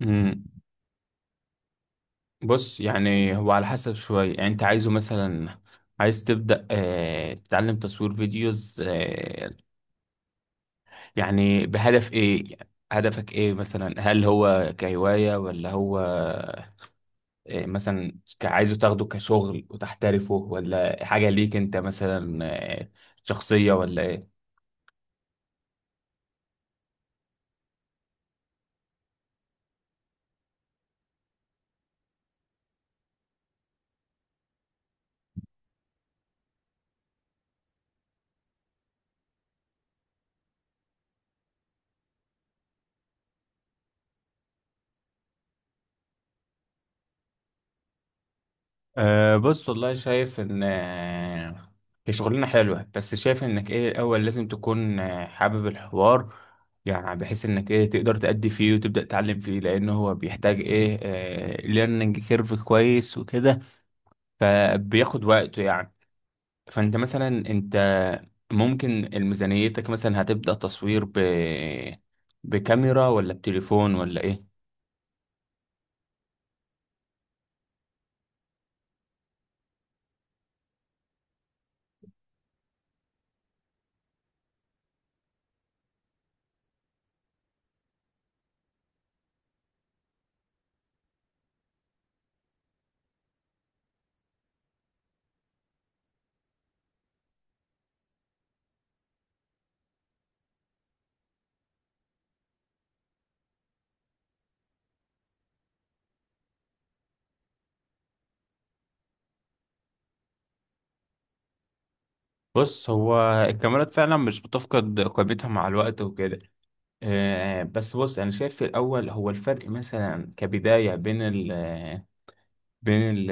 مم. بص، يعني هو على حسب شوية. يعني انت عايزه مثلا عايز تبدأ تتعلم تصوير فيديوز يعني بهدف ايه؟ هدفك ايه مثلا؟ هل هو كهواية ولا هو مثلا عايزه تاخده كشغل وتحترفه، ولا حاجة ليك انت مثلا آه، شخصية ولا ايه؟ بص، والله شايف ان هي شغلانه حلوه، بس شايف انك ايه الاول لازم تكون حابب الحوار، يعني بحيث انك ايه تقدر تأدي فيه وتبدأ تتعلم فيه، لان هو بيحتاج ايه ليرنينج كيرف كويس وكده، فبياخد وقته يعني. فانت مثلا انت ممكن ميزانيتك مثلا هتبدأ تصوير بكاميرا ولا بتليفون ولا ايه؟ بص، هو الكاميرات فعلا مش بتفقد قيمتها مع الوقت وكده. بس بص، انا شايف في الاول هو الفرق مثلا كبدايه بين ال بين ال-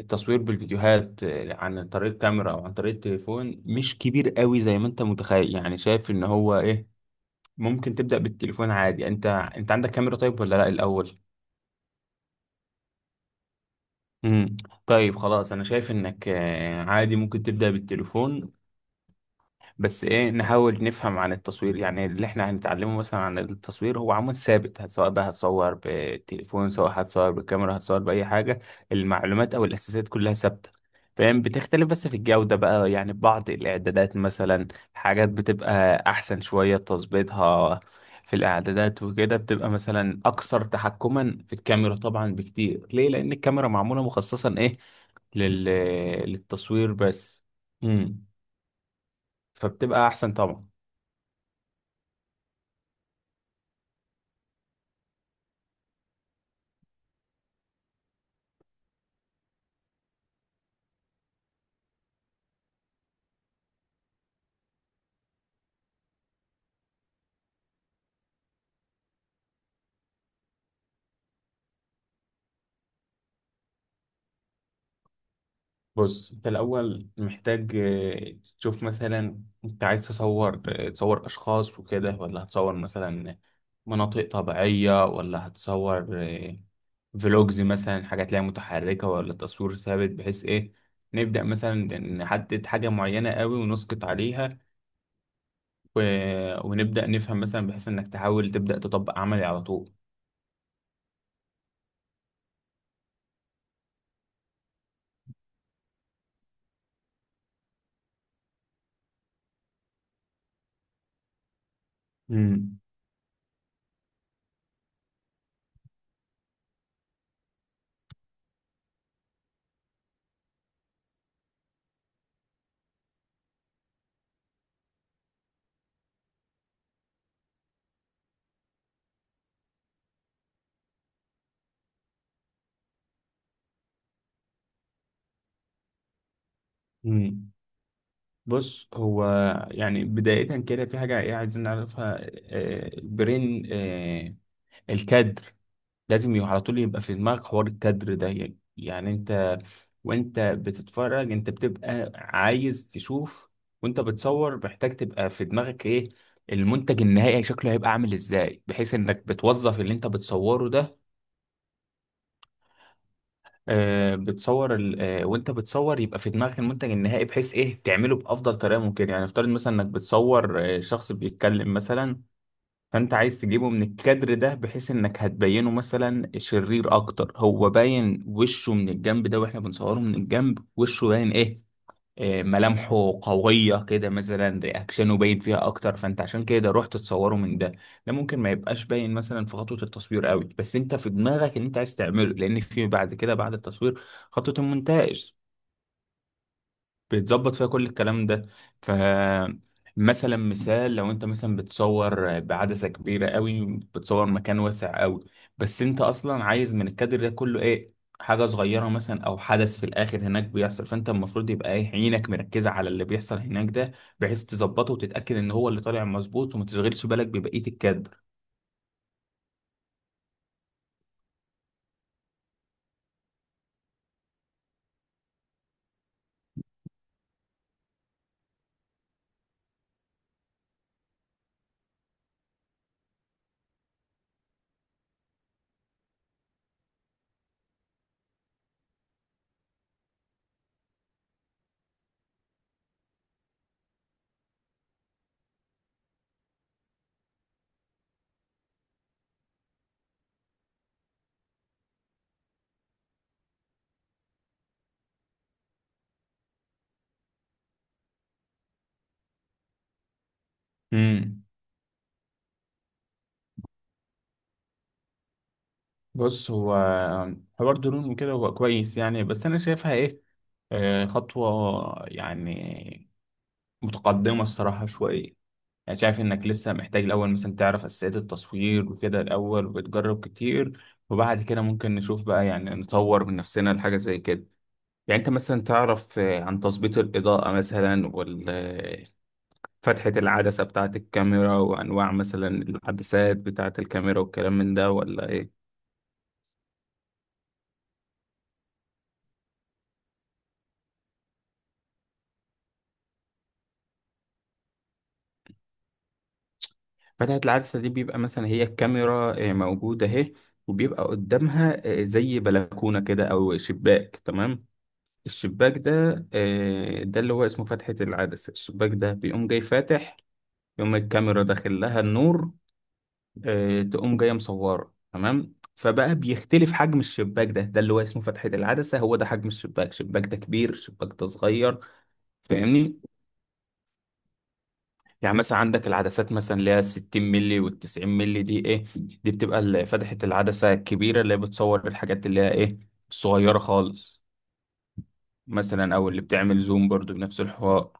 التصوير بالفيديوهات عن طريق الكاميرا او عن طريق التليفون مش كبير قوي زي ما انت متخيل. يعني شايف ان هو ايه ممكن تبدا بالتليفون عادي. انت عندك كاميرا طيب ولا لا الاول؟ امم طيب خلاص، انا شايف انك عادي ممكن تبدا بالتليفون. بس ايه نحاول نفهم عن التصوير. يعني اللي احنا هنتعلمه مثلا عن التصوير هو عمود ثابت، سواء بقى هتصور بتليفون سواء هتصور بكاميرا هتصور بأي حاجة، المعلومات او الاساسات كلها ثابتة. فاهم، بتختلف بس في الجودة بقى. يعني بعض الاعدادات مثلا، حاجات بتبقى احسن شوية تظبيطها في الاعدادات وكده، بتبقى مثلا اكثر تحكما في الكاميرا طبعا بكتير. ليه؟ لان الكاميرا معمولة مخصصا ايه لل... للتصوير بس. امم فبتبقى احسن طبعا. بص، انت الاول محتاج تشوف مثلا انت عايز تصور تصور اشخاص وكده، ولا هتصور مثلا مناطق طبيعية، ولا هتصور فلوجز مثلا، حاجات ليها متحركة ولا تصوير ثابت؟ بحيث ايه نبدأ مثلا نحدد حاجة معينة قوي ونسقط عليها. و... ونبدأ نفهم مثلا بحيث انك تحاول تبدأ تطبق عملي على طول. مم. مم. بص، هو يعني بداية كده في حاجة ايه عايزين نعرفها البرين الكادر. لازم يبقى على طول يبقى في دماغك حوار الكادر ده. يعني انت وانت بتتفرج انت بتبقى عايز تشوف، وانت بتصور محتاج تبقى في دماغك ايه المنتج النهائي شكله هيبقى عامل ازاي، بحيث انك بتوظف اللي انت بتصوره ده. آه، بتصور ال... آه، وانت بتصور يبقى في دماغك المنتج النهائي بحيث ايه تعمله بافضل طريقه ممكن. يعني افترض مثلا انك بتصور شخص بيتكلم مثلا، فانت عايز تجيبه من الكادر ده بحيث انك هتبينه مثلا شرير اكتر. هو باين وشه من الجنب ده، واحنا بنصوره من الجنب وشه باين ايه ملامحه قوية كده مثلا، رياكشنه باين فيها أكتر، فأنت عشان كده رحت تصوره من ده. ده ممكن ما يبقاش باين مثلا في خطوة التصوير قوي، بس أنت في دماغك إن أنت عايز تعمله، لأن في بعد كده بعد التصوير خطوة المونتاج بيتظبط فيها كل الكلام ده. فمثلا مثال، لو انت مثلا بتصور بعدسة كبيرة قوي بتصور مكان واسع قوي، بس انت اصلا عايز من الكادر ده كله ايه، حاجة صغيرة مثلا او حدث في الاخر هناك بيحصل. فانت المفروض يبقى ايه عينك مركزة على اللي بيحصل هناك ده، بحيث تظبطه وتتأكد ان هو اللي طالع مظبوط، وما تشغلش بالك ببقية الكادر. امم بص، هو حوار درون وكده هو كويس يعني، بس انا شايفها ايه خطوة يعني متقدمة الصراحة شوية. يعني شايف إنك لسه محتاج الأول مثلا تعرف أساسيات التصوير وكده الأول، وتجرب كتير، وبعد كده ممكن نشوف بقى يعني نطور من نفسنا لحاجة زي كده. يعني أنت مثلا تعرف عن تظبيط الإضاءة مثلا، فتحة العدسة بتاعة الكاميرا، وأنواع مثلا العدسات بتاعة الكاميرا، والكلام من ده ولا إيه؟ فتحة العدسة دي بيبقى مثلا هي الكاميرا موجودة أهي، وبيبقى قدامها زي بلكونة كده أو شباك تمام؟ الشباك ده ده اللي هو اسمه فتحة العدسة. الشباك ده بيقوم جاي فاتح، يقوم الكاميرا داخل لها النور تقوم جاية مصورة تمام. فبقى بيختلف حجم الشباك ده، ده اللي هو اسمه فتحة العدسة. هو ده حجم الشباك، الشباك ده كبير الشباك ده صغير. فاهمني؟ يعني مثلا عندك العدسات مثلا اللي هي 60 مللي وال 90 مللي، دي ايه؟ دي بتبقى فتحة العدسة الكبيرة اللي هي بتصور الحاجات اللي هي ايه الصغيرة خالص مثلا، او اللي بتعمل زوم برضو بنفس الحوار.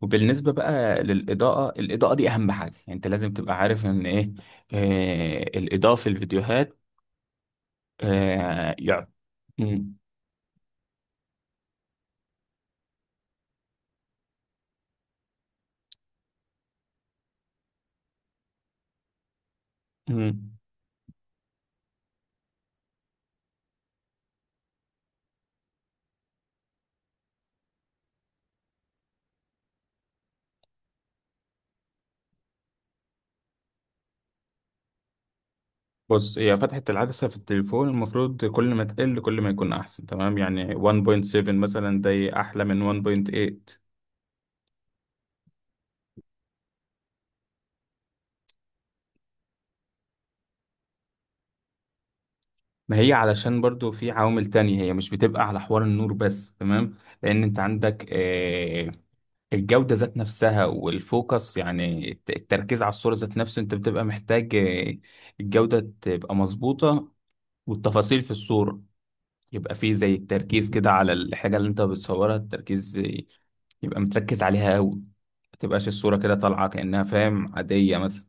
وبالنسبة بقى للإضاءة، الإضاءة دي أهم حاجة. يعني أنت لازم تبقى عارف إن إيه الإضاءة في الفيديوهات آه يعني مم. مم. بص، هي فتحة العدسة في التليفون المفروض كل ما تقل كل ما يكون أحسن تمام. يعني 1.7 مثلا ده أحلى من 1.8. ما هي علشان برضو في عوامل تانية، هي مش بتبقى على حوار النور بس تمام. لأن أنت عندك الجودة ذات نفسها، والفوكس يعني التركيز على الصورة ذات نفسه. انت بتبقى محتاج الجودة تبقى مظبوطة، والتفاصيل في الصورة يبقى فيه زي التركيز كده على الحاجة اللي انت بتصورها، التركيز يبقى متركز عليها قوي، ما تبقاش الصورة كده طالعة كأنها فاهم عادية مثلا.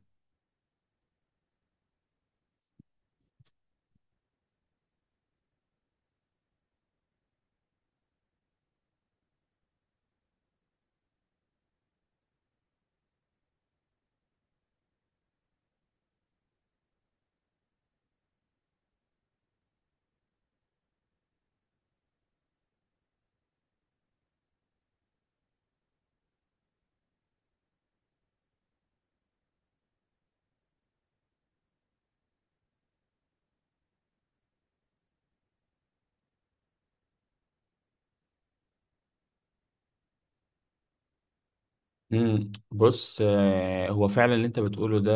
مم. بص هو فعلا اللي انت بتقوله ده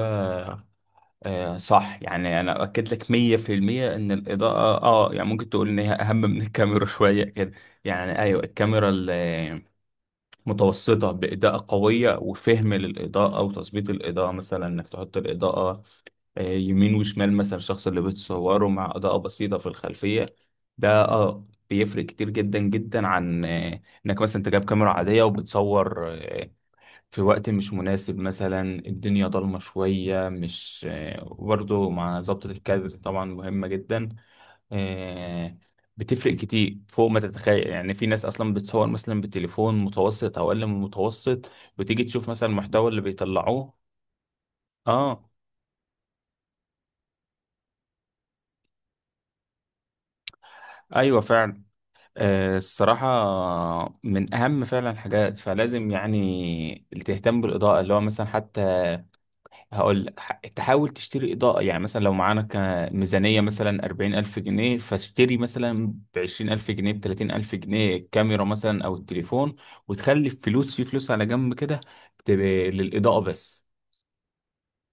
صح يعني. انا اؤكد لك 100% ان الاضاءة يعني ممكن تقول ان هي اهم من الكاميرا شوية كده. يعني ايوه، الكاميرا متوسطة بإضاءة قوية وفهم للإضاءة وتظبيط الإضاءة، مثلا إنك تحط الإضاءة يمين وشمال مثلا الشخص اللي بتصوره، مع إضاءة بسيطة في الخلفية، ده بيفرق كتير جدا جدا عن إنك مثلا أنت جايب كاميرا عادية وبتصور في وقت مش مناسب مثلا، الدنيا ضلمة شوية مش وبرضه مع ظبطة الكادر طبعا مهمة جدا. آه، بتفرق كتير فوق ما تتخيل يعني. في ناس اصلا بتصور مثلا بتليفون متوسط او اقل من المتوسط، وتيجي تشوف مثلا المحتوى اللي بيطلعوه. اه، ايوه فعلا. الصراحة من اهم فعلا حاجات، فلازم يعني تهتم بالاضاءة، اللي هو مثلا حتى هقول لك تحاول تشتري إضاءة. يعني مثلا لو معانا ميزانية مثلا 40,000 جنيه، فاشتري مثلا ب20,000 جنيه ب30,000 جنيه الكاميرا مثلا أو التليفون، وتخلي الفلوس في فلوس على جنب كده تبقى للإضاءة بس.